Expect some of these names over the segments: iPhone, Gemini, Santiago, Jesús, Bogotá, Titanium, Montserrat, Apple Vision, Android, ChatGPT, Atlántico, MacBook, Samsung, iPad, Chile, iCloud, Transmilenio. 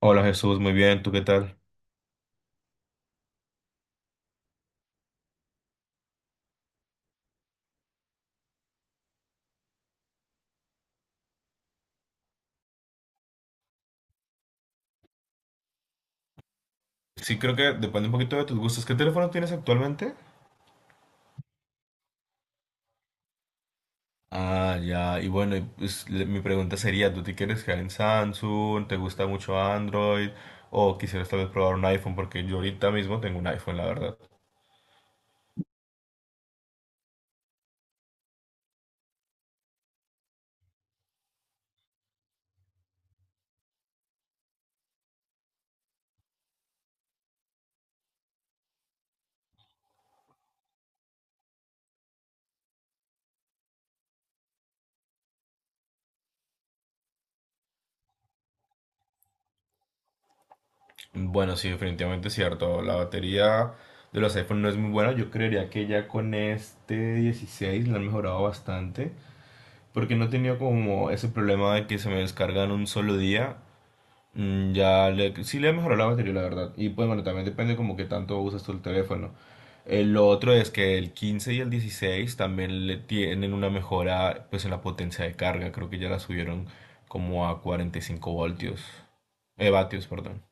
Hola Jesús, muy bien, ¿tú qué tal? Sí, creo que depende un poquito de tus gustos. ¿Qué teléfono tienes actualmente? Ah, ya, y bueno, y, pues, mi pregunta sería, ¿tú te quieres quedar en Samsung? ¿Te gusta mucho Android? ¿O quisieras tal vez probar un iPhone? Porque yo ahorita mismo tengo un iPhone, la verdad. Bueno, sí, definitivamente es cierto. La batería de los iPhone no es muy buena. Yo creería que ya con este 16 la han mejorado bastante. Porque no he tenido como ese problema de que se me descargan un solo día. Mm, ya le, sí le he mejorado la batería, la verdad. Y pues bueno, también depende como que tanto usas tú el teléfono. El otro es que el 15 y el 16 también le tienen una mejora pues en la potencia de carga. Creo que ya la subieron como a 45 voltios. Vatios, perdón.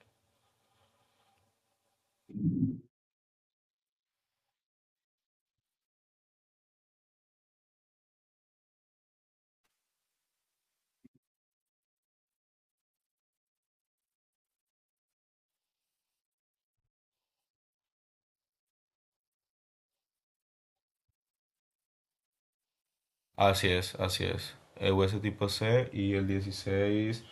Así es, así es. El US tipo C y el 16.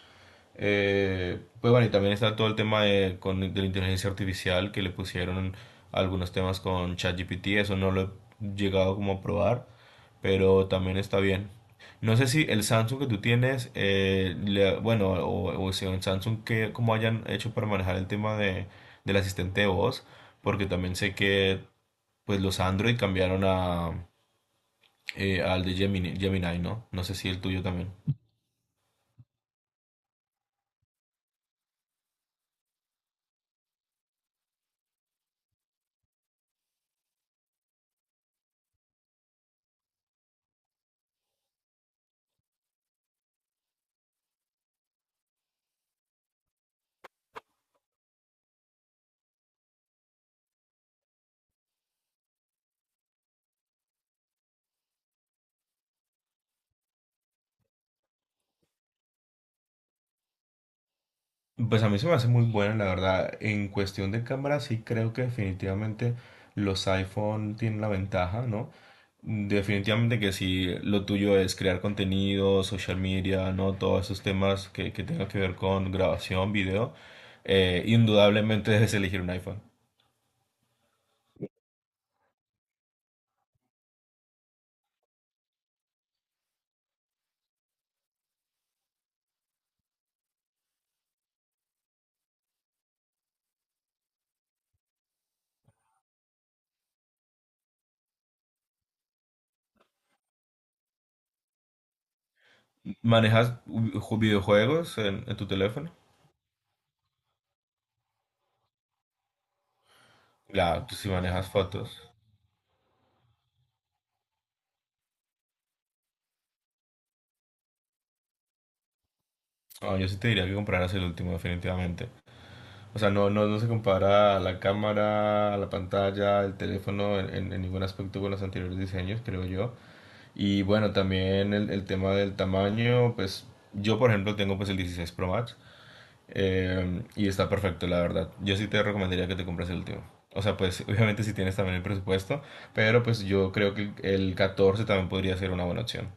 Pues bueno, y también está todo el tema de la inteligencia artificial que le pusieron algunos temas con ChatGPT. Eso no lo he llegado como a probar, pero también está bien. No sé si el Samsung que tú tienes, bueno, o si en Samsung que cómo hayan hecho para manejar el tema de, del asistente de voz, porque también sé que pues los Android cambiaron a, al de Gemini, Gemini, ¿no? No sé si el tuyo también. Pues a mí se me hace muy buena, la verdad. En cuestión de cámara, sí creo que definitivamente los iPhone tienen la ventaja, ¿no? Definitivamente que si lo tuyo es crear contenido, social media, ¿no? Todos esos temas que tengan que ver con grabación, video, indudablemente debes elegir un iPhone. ¿Manejas videojuegos en tu teléfono? Claro, tú sí manejas fotos. No, yo sí te diría que compraras el último, definitivamente. O sea, no se compara a la cámara, a la pantalla, el teléfono en ningún aspecto con los anteriores diseños, creo yo. Y bueno, también el tema del tamaño, pues yo por ejemplo tengo pues el 16 Pro Max, y está perfecto, la verdad. Yo sí te recomendaría que te compres el último. O sea, pues obviamente si tienes también el presupuesto, pero pues yo creo que el 14 también podría ser una buena opción.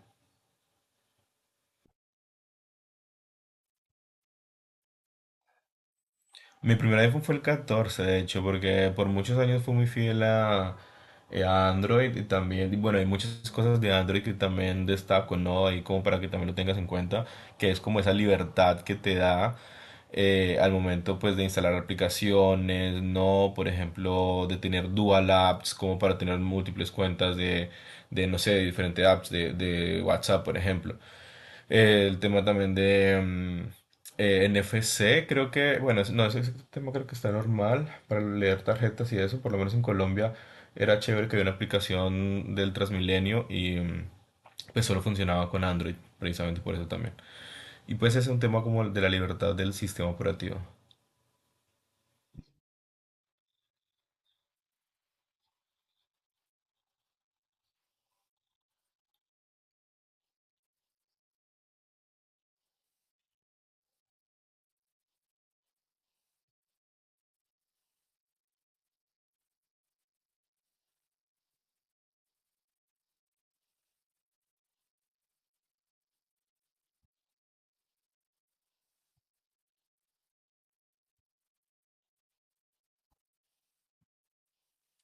Mi primer iPhone fue el 14 de hecho, porque por muchos años fui muy fiel a Android y también, y bueno, hay muchas cosas de Android que también destaco, ¿no? Ahí como para que también lo tengas en cuenta, que es como esa libertad que te da al momento pues de instalar aplicaciones, ¿no? Por ejemplo, de tener dual apps, como para tener múltiples cuentas de no sé, de diferentes apps de WhatsApp, por ejemplo. El tema también de mm, NFC, creo que, bueno, es- no, ese tema creo que está normal para leer tarjetas y eso, por lo menos en Colombia era chévere que había una aplicación del Transmilenio y mm, pues solo funcionaba con Android, precisamente por eso también. Y pues es un tema como el de la libertad del sistema operativo.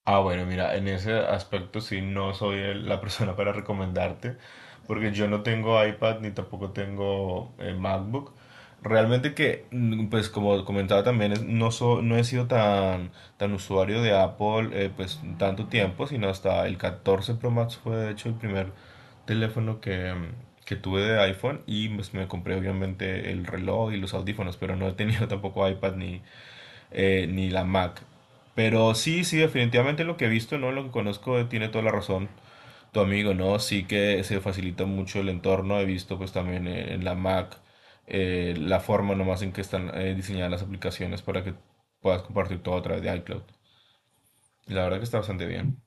Ah, bueno, mira, en ese aspecto sí no soy la persona para recomendarte, porque yo no tengo iPad ni tampoco tengo MacBook. Realmente que, mm, pues como comentaba también, no he sido tan, tan usuario de Apple, pues tanto tiempo, sino hasta el 14 Pro Max fue de hecho el primer teléfono que, mm, que tuve de iPhone y pues me compré obviamente el reloj y los audífonos, pero no he tenido tampoco iPad ni ni la Mac. Pero sí, sí, definitivamente lo que he visto, ¿no? Lo que conozco tiene toda la razón. Tu amigo, ¿no? Sí que se facilita mucho el entorno. He visto pues también en la Mac, la forma nomás en que están diseñadas las aplicaciones para que puedas compartir todo a través de iCloud. Y la verdad que está bastante bien.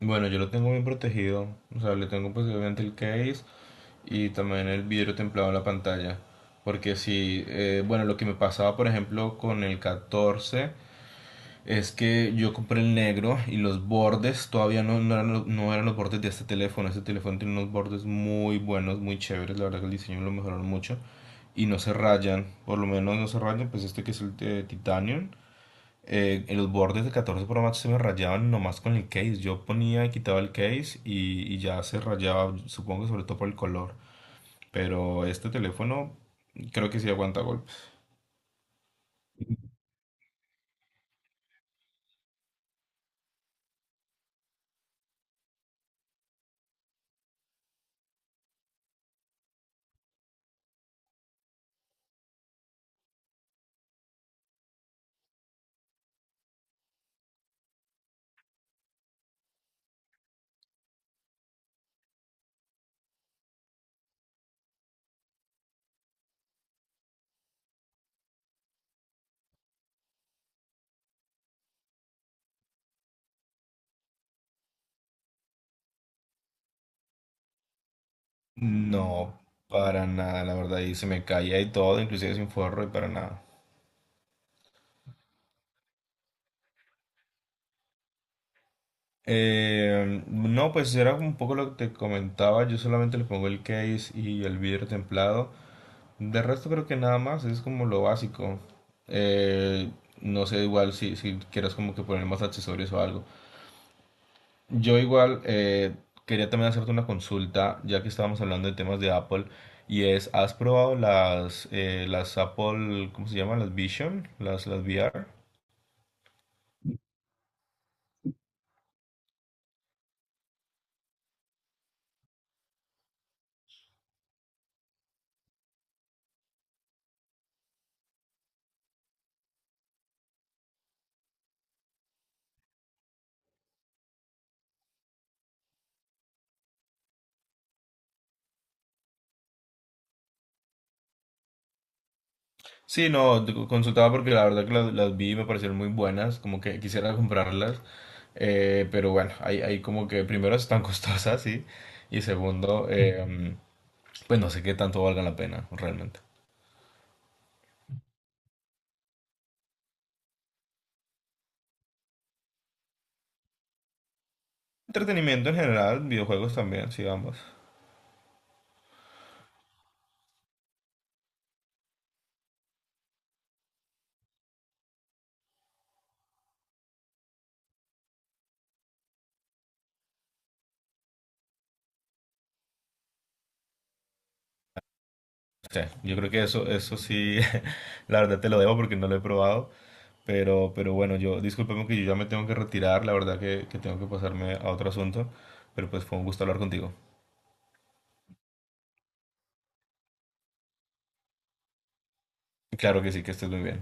Bueno, yo lo tengo bien protegido. O sea, le tengo pues obviamente el case y también el vidrio templado en la pantalla. Porque si, bueno, lo que me pasaba por ejemplo con el catorce, es que yo compré el negro y los bordes todavía no eran, no eran los bordes de este teléfono. Este teléfono tiene unos bordes muy buenos, muy chéveres. La verdad que el diseño lo mejoraron mucho. Y no se rayan, por lo menos no se rayan. Pues este que es el de Titanium. En los bordes de 14 Pro Max se me rayaban nomás con el case. Yo ponía y quitaba el case y ya se rayaba, supongo que sobre todo por el color. Pero este teléfono creo que sí aguanta golpes. No, para nada, la verdad, y se me caía y todo, inclusive sin forro y para nada. No, pues era un poco lo que te comentaba, yo solamente le pongo el case y el vidrio templado. De resto creo que nada más, es como lo básico. Eh, no sé igual si quieras como que poner más accesorios o algo. Yo igual quería también hacerte una consulta, ya que estábamos hablando de temas de Apple, y es, ¿has probado las Apple, ¿cómo se llaman? Las Vision, las VR. Sí, no, te consultaba porque la verdad que las vi y me parecieron muy buenas, como que quisiera comprarlas, pero bueno, hay como que primero están costosas, sí, y segundo, pues no sé qué tanto valga la pena realmente. Entretenimiento en general, videojuegos también, sí, ambos. Sí, yo creo que eso sí, la verdad te lo debo porque no lo he probado, pero bueno, yo, discúlpame que yo ya me tengo que retirar, la verdad que tengo que pasarme a otro asunto, pero pues fue un gusto hablar contigo. Claro que sí, que estés muy bien.